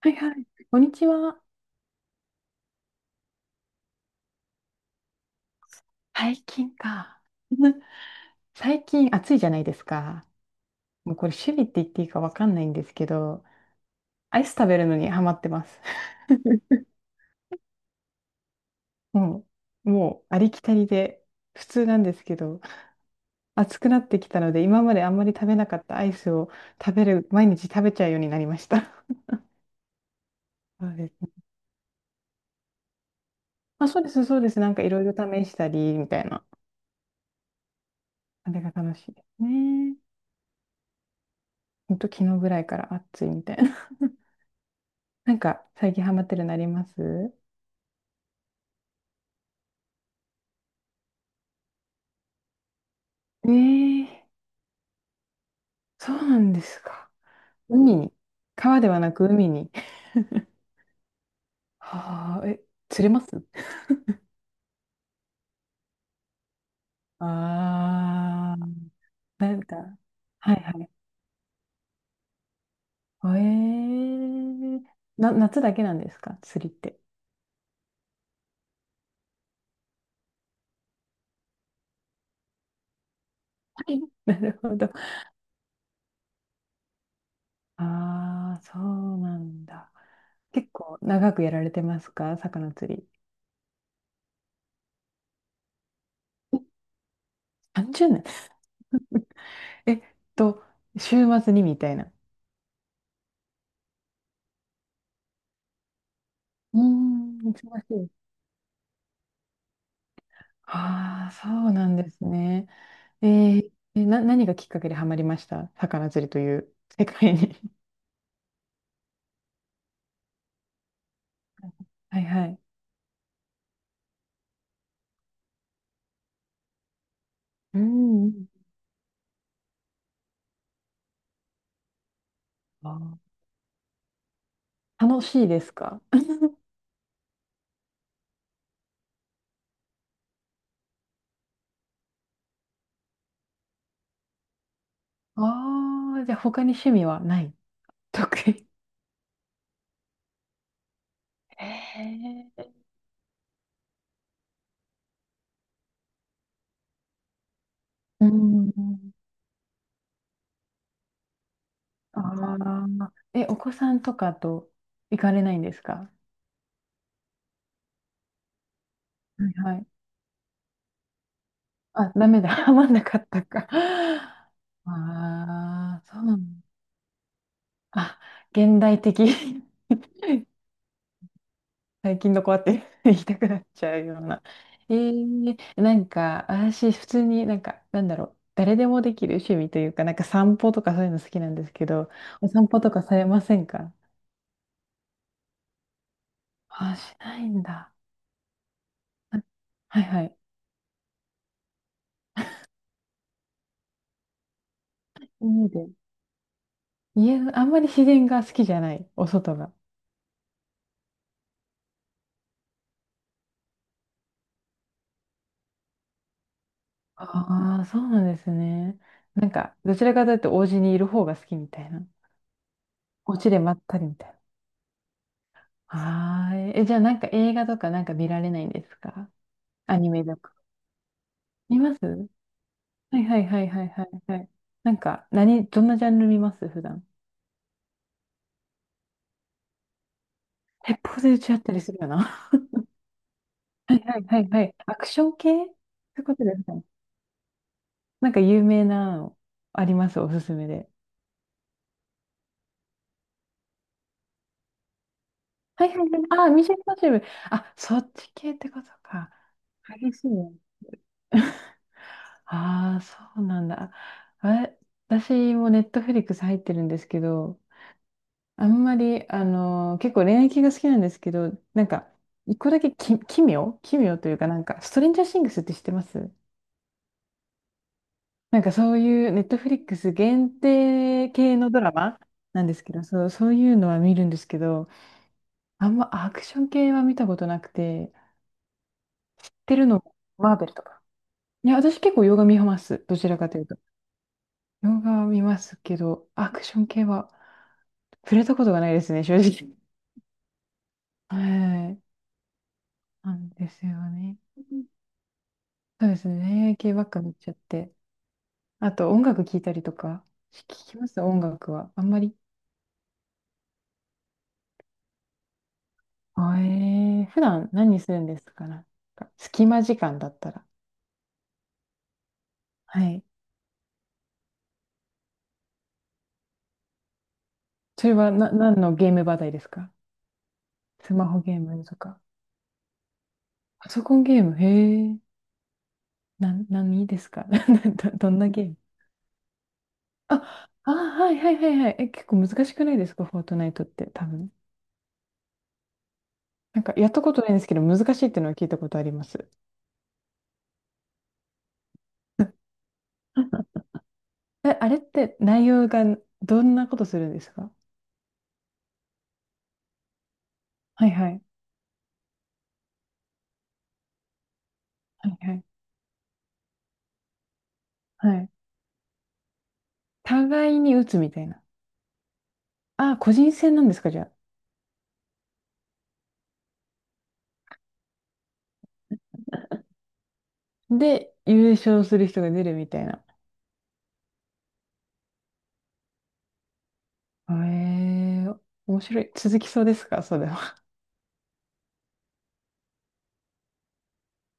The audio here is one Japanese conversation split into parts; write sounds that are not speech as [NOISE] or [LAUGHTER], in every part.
はいはい。土日は。最近か。[LAUGHS] 最近暑いじゃないですか。もうこれ趣味って言っていいかわかんないんですけど、アイス食べるのにハマってます。[LAUGHS] ももうありきたりで普通なんですけど、暑くなってきたので、今まであんまり食べなかったアイスを食べる、毎日食べちゃうようになりました。そうですね。あ、そうです、そうです。なんかいろいろ試したりみたいな。あれが楽しいですね。ほんと昨日ぐらいから暑いみたいな。なんか最近ハマってるのあります？えー、そうなんですか。海に。川ではなく海に。はあ、え、釣れます？ああー。なんか、はいはい。えー、夏だけなんですか釣りって。はい。[LAUGHS] なるほど。あー、そうなんだ。結構長くやられてますか魚釣り？30年。えっと、週末にみたいな。うーん、忙しい。ああ、そうなんですね。えー、何がきっかけでハマりました魚釣りという [LAUGHS] 世界に。[LAUGHS] はいはい。うん。あ楽しいですか？ああー、じゃあ他に趣味はない？ [LAUGHS] 特に。へえ。うんうん。ああ、え、お子さんとかと行かれないんですか？はいはい。あ、ダメだ。[LAUGHS] ハマんなかったか。ああ、そうなんだ。あ、現代的。[LAUGHS] 最近の子はって言いたくなっちゃうような。なんか、私、普通になんか、なんだろう、誰でもできる趣味というか、なんか散歩とかそういうの好きなんですけど、お散歩とかされませんか？あ、しないんだ。あ、はいはい。家で。家の、あんまり自然が好きじゃない、お外が。ああ、そうなんですね。なんか、どちらかというと、お家にいる方が好きみたいな。お家でまったりみたいな。はーい。え、じゃあ、なんか映画とかなんか見られないんですか？アニメとか。見ます？はいはいはいはいはいはい。なんか、どんなジャンル見ます普段？鉄砲で撃ち合ったりするよな。[LAUGHS] はいはいはいはい。アクション系ってことですかね。なんか有名なのあります？おすすめで。はいはいはい。ああ、ミッションインポッシブル。あ、そっち系ってことか。激しいね。[LAUGHS] ああ、そうなんだ。あ、私もネットフリックス入ってるんですけど、あんまり、結構恋愛系が好きなんですけど、なんか、一個だけ奇妙奇妙というか、なんか、ストレンジャーシングスって知ってます？なんかそういうネットフリックス限定系のドラマなんですけど、そう、そういうのは見るんですけど、あんまアクション系は見たことなくて、知ってるの、マーベルとか。いや、私結構洋画見ます。どちらかというと。洋画は見ますけど、アクション系は触れたことがないですね、正直。はい。なんですよね。そうですね。系ばっか見ちゃって。あと、音楽聴いたりとか。聞きます音楽は？あんまり。普段何するんですかなんか隙間時間だったら？はい。それは何のゲーム話題ですか？スマホゲームとか。パソコンゲーム、へえ。何ですか？ [LAUGHS] どんなゲーム？あ、あ、はいはいはいはい。え、結構難しくないですかフォートナイトって多分？なんかやったことないんですけど、難しいっていうのは聞いたことあります。[LAUGHS] え、あれって内容がどんなことするんですか？はいはい。はいはい。はい。互いに打つみたいな。あ、個人戦なんですか、じゃあ？で、優勝する人が出るみたいな。えー、面白い。続きそうですか、それは？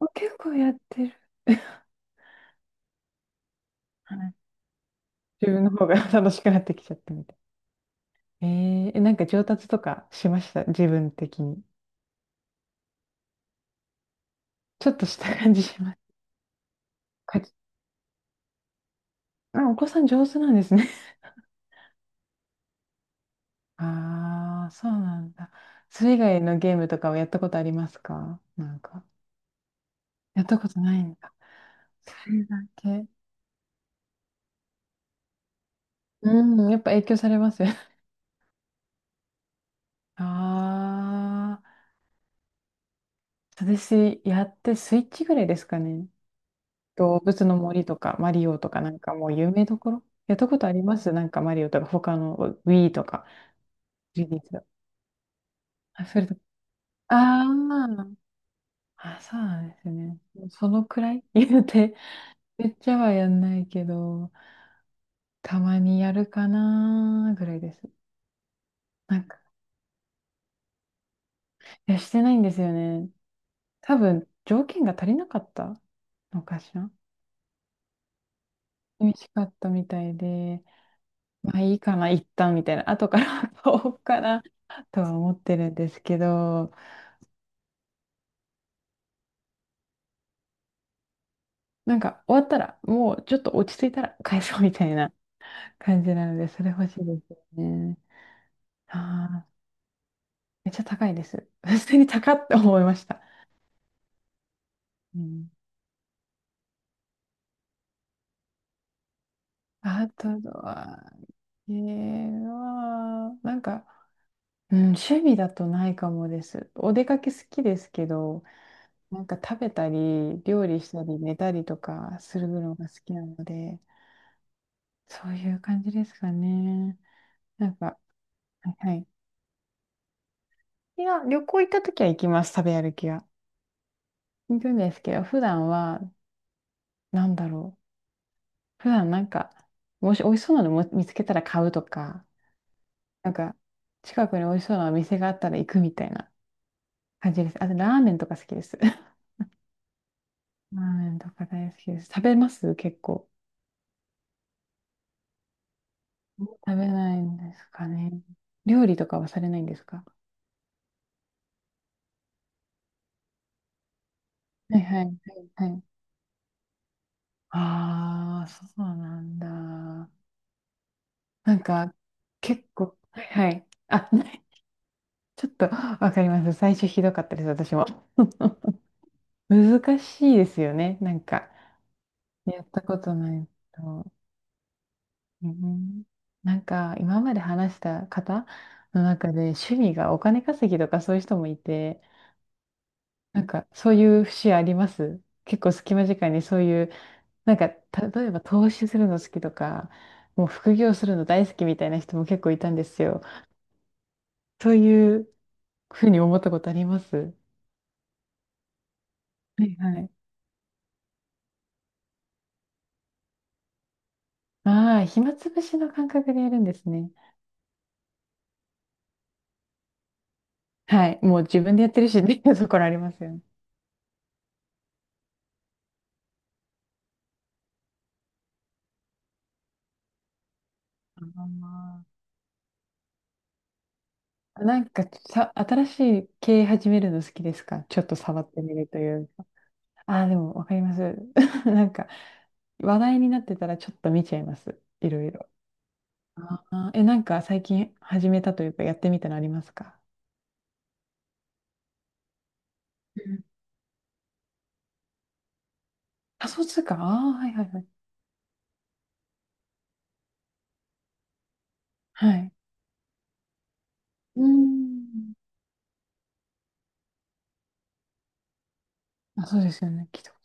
[LAUGHS] 結構やってる。はい。自分の方が [LAUGHS] 楽しくなってきちゃったみたい。えー、なんか上達とかしました、自分的に？ちょっとした感じします。か、あ、お子さん上手なんですね。ああ、そうなんだ。それ以外のゲームとかはやったことありますかなんか？やったことないんだ。それだけ。[LAUGHS] うん、やっぱ影響されますよ。[LAUGHS] ああ、私、やってスイッチぐらいですかね。動物の森とか、マリオとか、なんかもう有名どころ。やったことありますなんかマリオとか、他の Wii とか、リリース？あ、それと、[LAUGHS] あーあ、そうなんですね。そのくらい [LAUGHS] 言うて、めっちゃはやんないけど。たまにやるかなぐらいです。なんか、いや、してないんですよね。多分、条件が足りなかったのかしら。美味しかったみたいで、まあいいかな、一旦みたいな、後から買おうかなとは思ってるんですけど、なんか終わったら、もうちょっと落ち着いたら返そうみたいな感じなので、それ欲しいですよね。ああ、めっちゃ高いです。普通に高って思いました。うん。あとは、えー、まあなんか、うん、趣味だとないかもです。お出かけ好きですけど、なんか食べたり、料理したり、寝たりとかするのが好きなので、そういう感じですかね。なんか、はいはい。いや、旅行行った時は行きます、食べ歩きは。行くんですけど、普段は、なんだろう。普段なんか、もし美味しそうなのも見つけたら買うとか、なんか、近くに美味しそうなお店があったら行くみたいな感じです。あと、ラーメンとか好きです。[LAUGHS] ラーメンとか大好きです。食べます結構。食べないんですかね。料理とかはされないんですか？はいはいはいはい。ああ、そうなんだ。なんか、結構、はいはい。あ、[LAUGHS] ない。ちょっとわかります。最初ひどかったです、私も。[LAUGHS] 難しいですよね。なんか、やったことないと。うん。なんか、今まで話した方の中で、趣味がお金稼ぎとかそういう人もいて、なんか、そういう節あります？結構隙間時間にそういうなんか、例えば投資するの好きとか、もう副業するの大好きみたいな人も結構いたんですよ。そういうふうに思ったことあります？はいはい。ああ、暇つぶしの感覚でやるんですね。はい。もう自分でやってるしっていう [LAUGHS] ところありますよね。あなんかさ、新しい経営始めるの好きですか？ちょっと触ってみるというか。ああ、でもわかります。[LAUGHS] なんか話題になってたらちょっと見ちゃいます。いろいろ。なんか最近始めたというかやってみたのありますか？うん。仮想通貨。ああー、はいはいはい。はい。うーん。あ、そうですよね。聞いたこ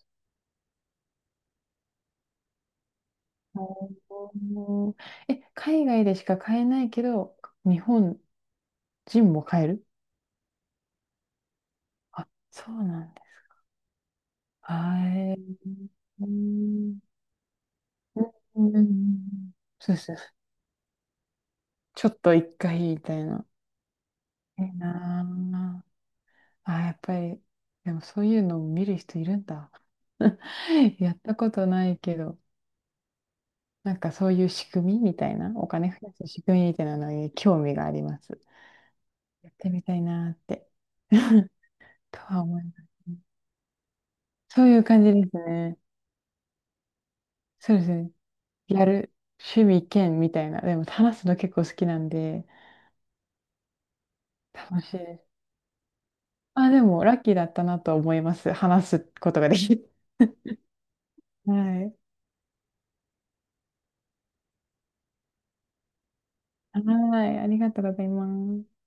と。おー。え、海外でしか買えないけど、日本人も買える？あ、そうなんですか。はうい。ん、うんうん。そうですね。ちょっと一回みたいな。いいなあ、やっぱり、でもそういうのを見る人いるんだ。[LAUGHS] やったことないけど、なんかそういう仕組みみたいな、お金増やす仕組みみたいなのに興味があります。やってみたいなーって。[LAUGHS] とは思いますね。そういう感じですね。そうですね。やる趣味兼みたいな。でも話すの結構好きなんで、楽しいです。あ、でもラッキーだったなと思います。話すことができる。[LAUGHS] はい。はい。ありがとうございます。